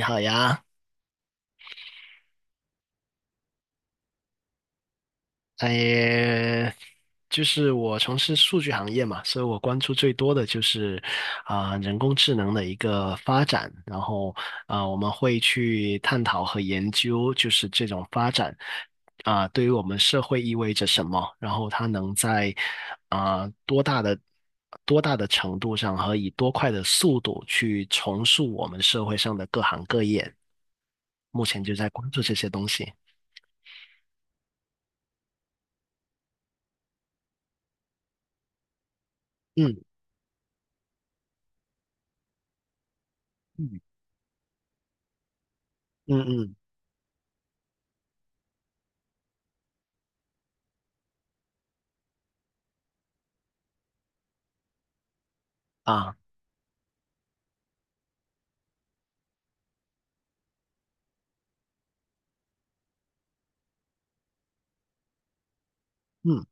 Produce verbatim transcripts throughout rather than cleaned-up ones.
你好呀。哎，就是我从事数据行业嘛，所以我关注最多的就是啊、人工智能的一个发展，然后啊、我们会去探讨和研究，就是这种发展啊、对于我们社会意味着什么，然后它能在啊、多大的多大的程度上和以多快的速度去重塑我们社会上的各行各业，目前就在关注这些东西。嗯嗯嗯嗯啊。嗯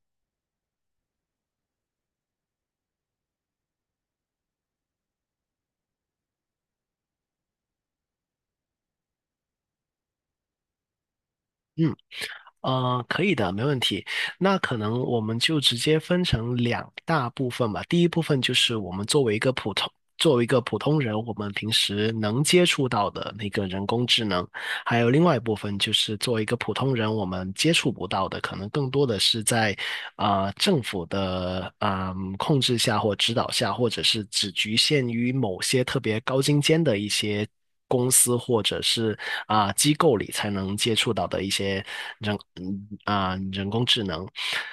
嗯，呃，可以的，没问题。那可能我们就直接分成两大部分吧。第一部分就是我们作为一个普通，作为一个普通人，我们平时能接触到的那个人工智能。还有另外一部分就是作为一个普通人，我们接触不到的，可能更多的是在啊、呃政府的啊、嗯控制下或指导下，或者是只局限于某些特别高精尖的一些。公司或者是啊、呃机构里才能接触到的一些人嗯啊、呃人工智能。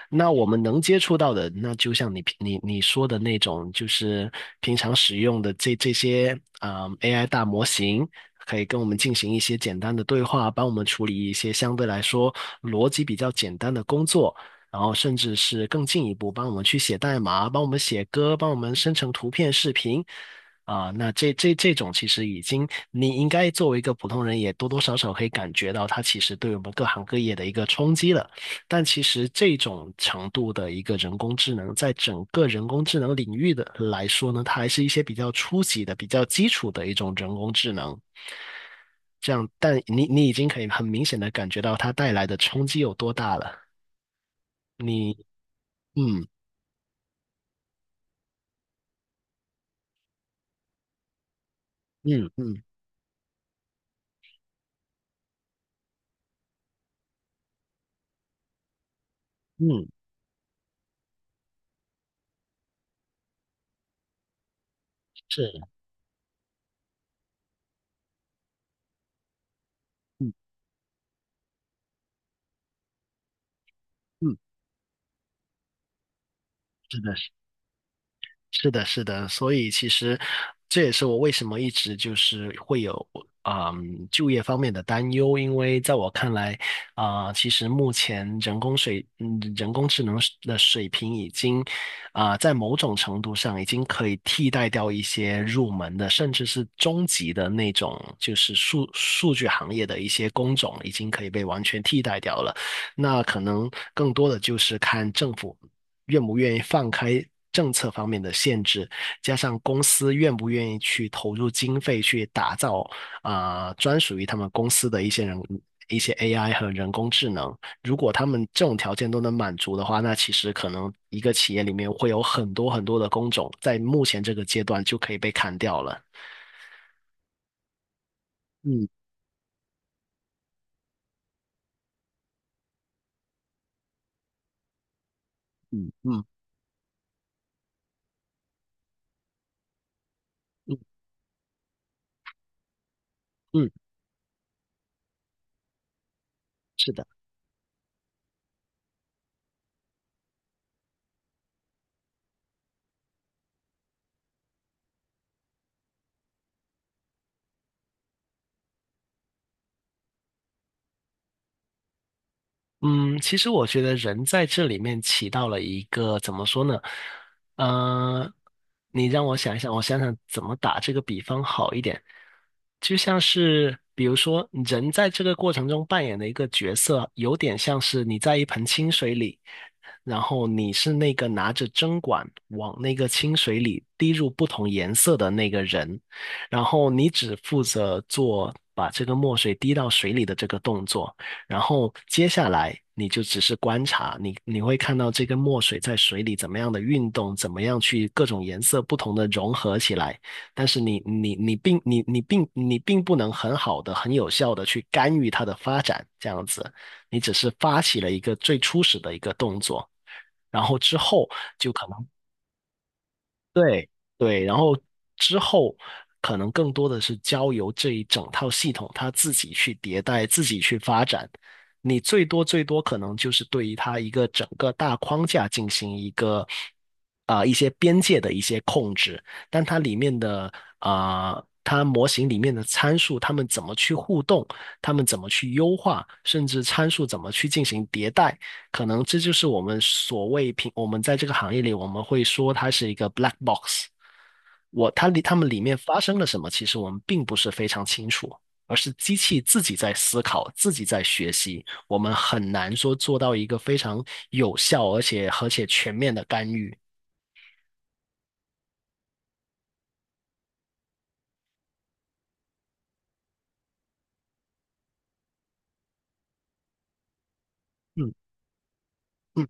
那我们能接触到的，那就像你你你说的那种，就是平常使用的这这些啊、呃 A I 大模型，可以跟我们进行一些简单的对话，帮我们处理一些相对来说逻辑比较简单的工作，然后甚至是更进一步帮我们去写代码、帮我们写歌、帮我们生成图片、视频。啊、那这这这种其实已经，你应该作为一个普通人，也多多少少可以感觉到它其实对我们各行各业的一个冲击了。但其实这种程度的一个人工智能，在整个人工智能领域的来说呢，它还是一些比较初级的、比较基础的一种人工智能。这样，但你你已经可以很明显的感觉到它带来的冲击有多大了。你，嗯嗯嗯嗯，是。嗯嗯，是的。是的，是的，所以其实这也是我为什么一直就是会有嗯就业方面的担忧，因为在我看来，啊、其实目前人工水嗯人工智能水的水平已经啊、在某种程度上已经可以替代掉一些入门的，甚至是中级的那种，就是数数据行业的一些工种已经可以被完全替代掉了。那可能更多的就是看政府。愿不愿意放开政策方面的限制，加上公司愿不愿意去投入经费去打造啊、呃专属于他们公司的一些人一些 A I 和人工智能。如果他们这种条件都能满足的话，那其实可能一个企业里面会有很多很多的工种，在目前这个阶段就可以被砍掉了。嗯嗯嗯嗯嗯，是的。嗯，其实我觉得人在这里面起到了一个怎么说呢？呃，你让我想一想，我想想怎么打这个比方好一点。就像是比如说，人在这个过程中扮演的一个角色，有点像是你在一盆清水里。然后你是那个拿着针管往那个清水里滴入不同颜色的那个人，然后你只负责做把这个墨水滴到水里的这个动作，然后接下来你就只是观察，你你会看到这个墨水在水里怎么样的运动，怎么样去各种颜色不同的融合起来，但是你你你并你你并你并不能很好的、很有效的去干预它的发展，这样子。你只是发起了一个最初始的一个动作，然后之后就可能对。对，然后之后可能更多的是交由这一整套系统它自己去迭代、自己去发展。你最多最多可能就是对于它一个整个大框架进行一个啊、一些边界的一些控制，但它里面的啊、它模型里面的参数，它们怎么去互动，它们怎么去优化，甚至参数怎么去进行迭代。可能这就是我们所谓平，我们在这个行业里，我们会说它是一个 black box。我，它里，它们里面发生了什么，其实我们并不是非常清楚，而是机器自己在思考，自己在学习，我们很难说做到一个非常有效而且而且全面的干预。嗯嗯，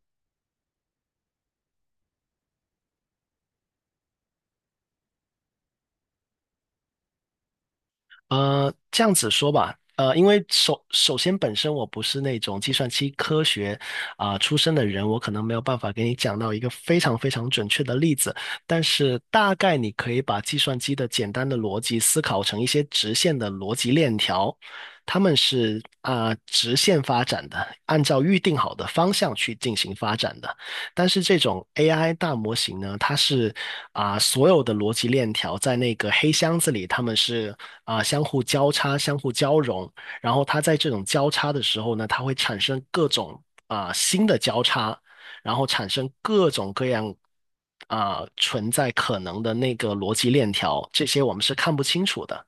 呃，这样子说吧，呃，因为首首先本身我不是那种计算机科学啊、出身的人，我可能没有办法给你讲到一个非常非常准确的例子，但是大概你可以把计算机的简单的逻辑思考成一些直线的逻辑链条，他们是啊、直线发展的，按照预定好的方向去进行发展的。但是这种 A I 大模型呢，它是啊、所有的逻辑链条在那个黑箱子里，它们是啊、相互交叉、相互交融，然后它在这种交叉的时候呢，它会产生各种啊、新的交叉，然后产生各种各样。啊、存在可能的那个逻辑链条，这些我们是看不清楚的。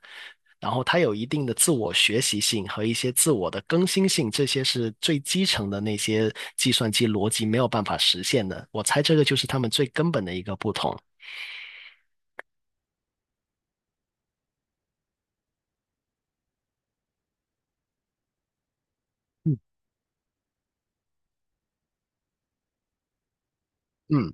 然后它有一定的自我学习性和一些自我的更新性，这些是最基层的那些计算机逻辑没有办法实现的。我猜这个就是他们最根本的一个不同。嗯嗯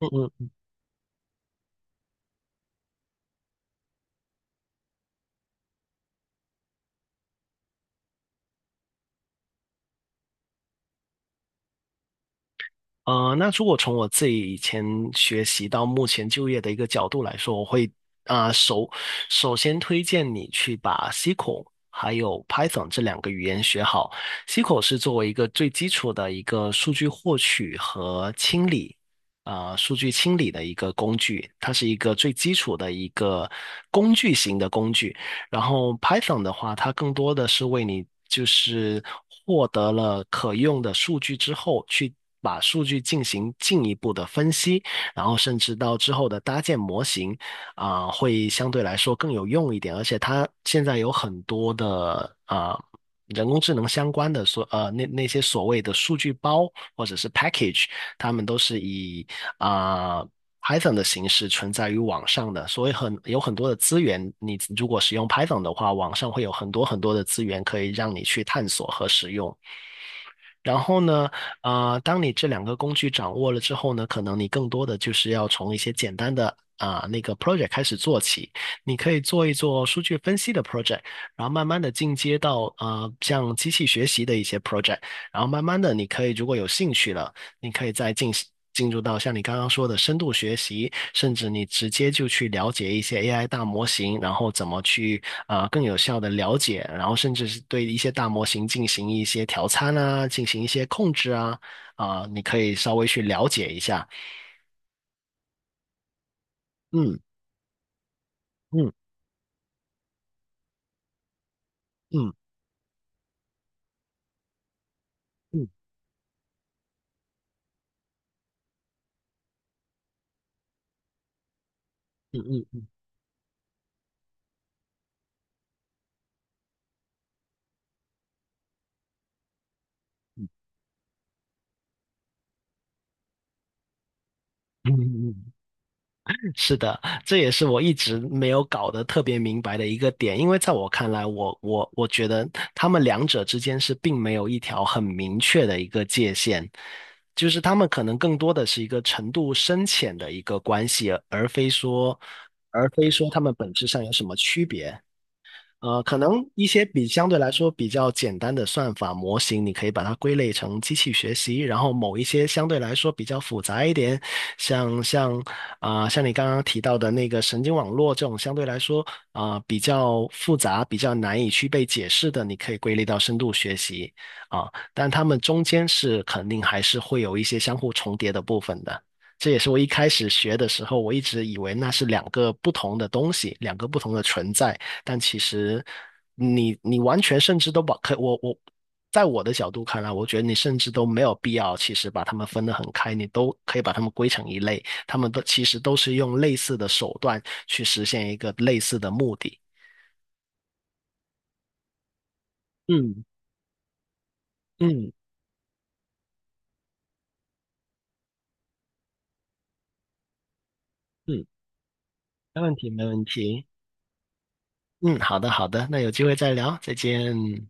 嗯嗯。呃，那如果从我自己以前学习到目前就业的一个角度来说，我会啊、呃首首先推荐你去把 S Q L 还有 Python 这两个语言学好。S Q L 是作为一个最基础的一个数据获取和清理啊、呃数据清理的一个工具，它是一个最基础的一个工具型的工具。然后 Python 的话，它更多的是为你就是获得了可用的数据之后，去把数据进行进一步的分析，然后甚至到之后的搭建模型啊、会相对来说更有用一点。而且它现在有很多的啊、人工智能相关的所呃那那些所谓的数据包或者是 package,他们都是以啊。Python 的形式存在于网上的，所以很有很多的资源。你如果使用 Python 的话，网上会有很多很多的资源可以让你去探索和使用。然后呢，呃，当你这两个工具掌握了之后呢，可能你更多的就是要从一些简单的啊、呃那个 project 开始做起。你可以做一做数据分析的 project,然后慢慢的进阶到呃像机器学习的一些 project,然后慢慢的你可以如果有兴趣了。你可以再进行进入到像你刚刚说的深度学习，甚至你直接就去了解一些 A I 大模型，然后怎么去啊、呃更有效的了解，然后甚至是对一些大模型进行一些调参啊，进行一些控制啊，啊、你可以稍微去了解一下。嗯嗯嗯嗯嗯嗯嗯嗯嗯嗯。嗯嗯是的，这也是我一直没有搞得特别明白的一个点，因为在我看来，我我我觉得他们两者之间是并没有一条很明确的一个界限，就是他们可能更多的是一个程度深浅的一个关系，而非说而非说他们本质上有什么区别。呃，可能一些比相对来说比较简单的算法模型，你可以把它归类成机器学习。然后某一些相对来说比较复杂一点，像像啊、像你刚刚提到的那个神经网络这种相对来说啊、比较复杂、比较难以去被解释的，你可以归类到深度学习。啊、但它们中间是肯定还是会有一些相互重叠的部分的。这也是我一开始学的时候，我一直以为那是两个不同的东西，两个不同的存在。但其实你你完全甚至都把可我我在我的角度看来，我觉得你甚至都没有必要，其实把他们分得很开，你都可以把他们归成一类，他们都其实都是用类似的手段去实现一个类似的目的。嗯嗯嗯，没问题，没问题。嗯，好的好的，那有机会再聊，再见。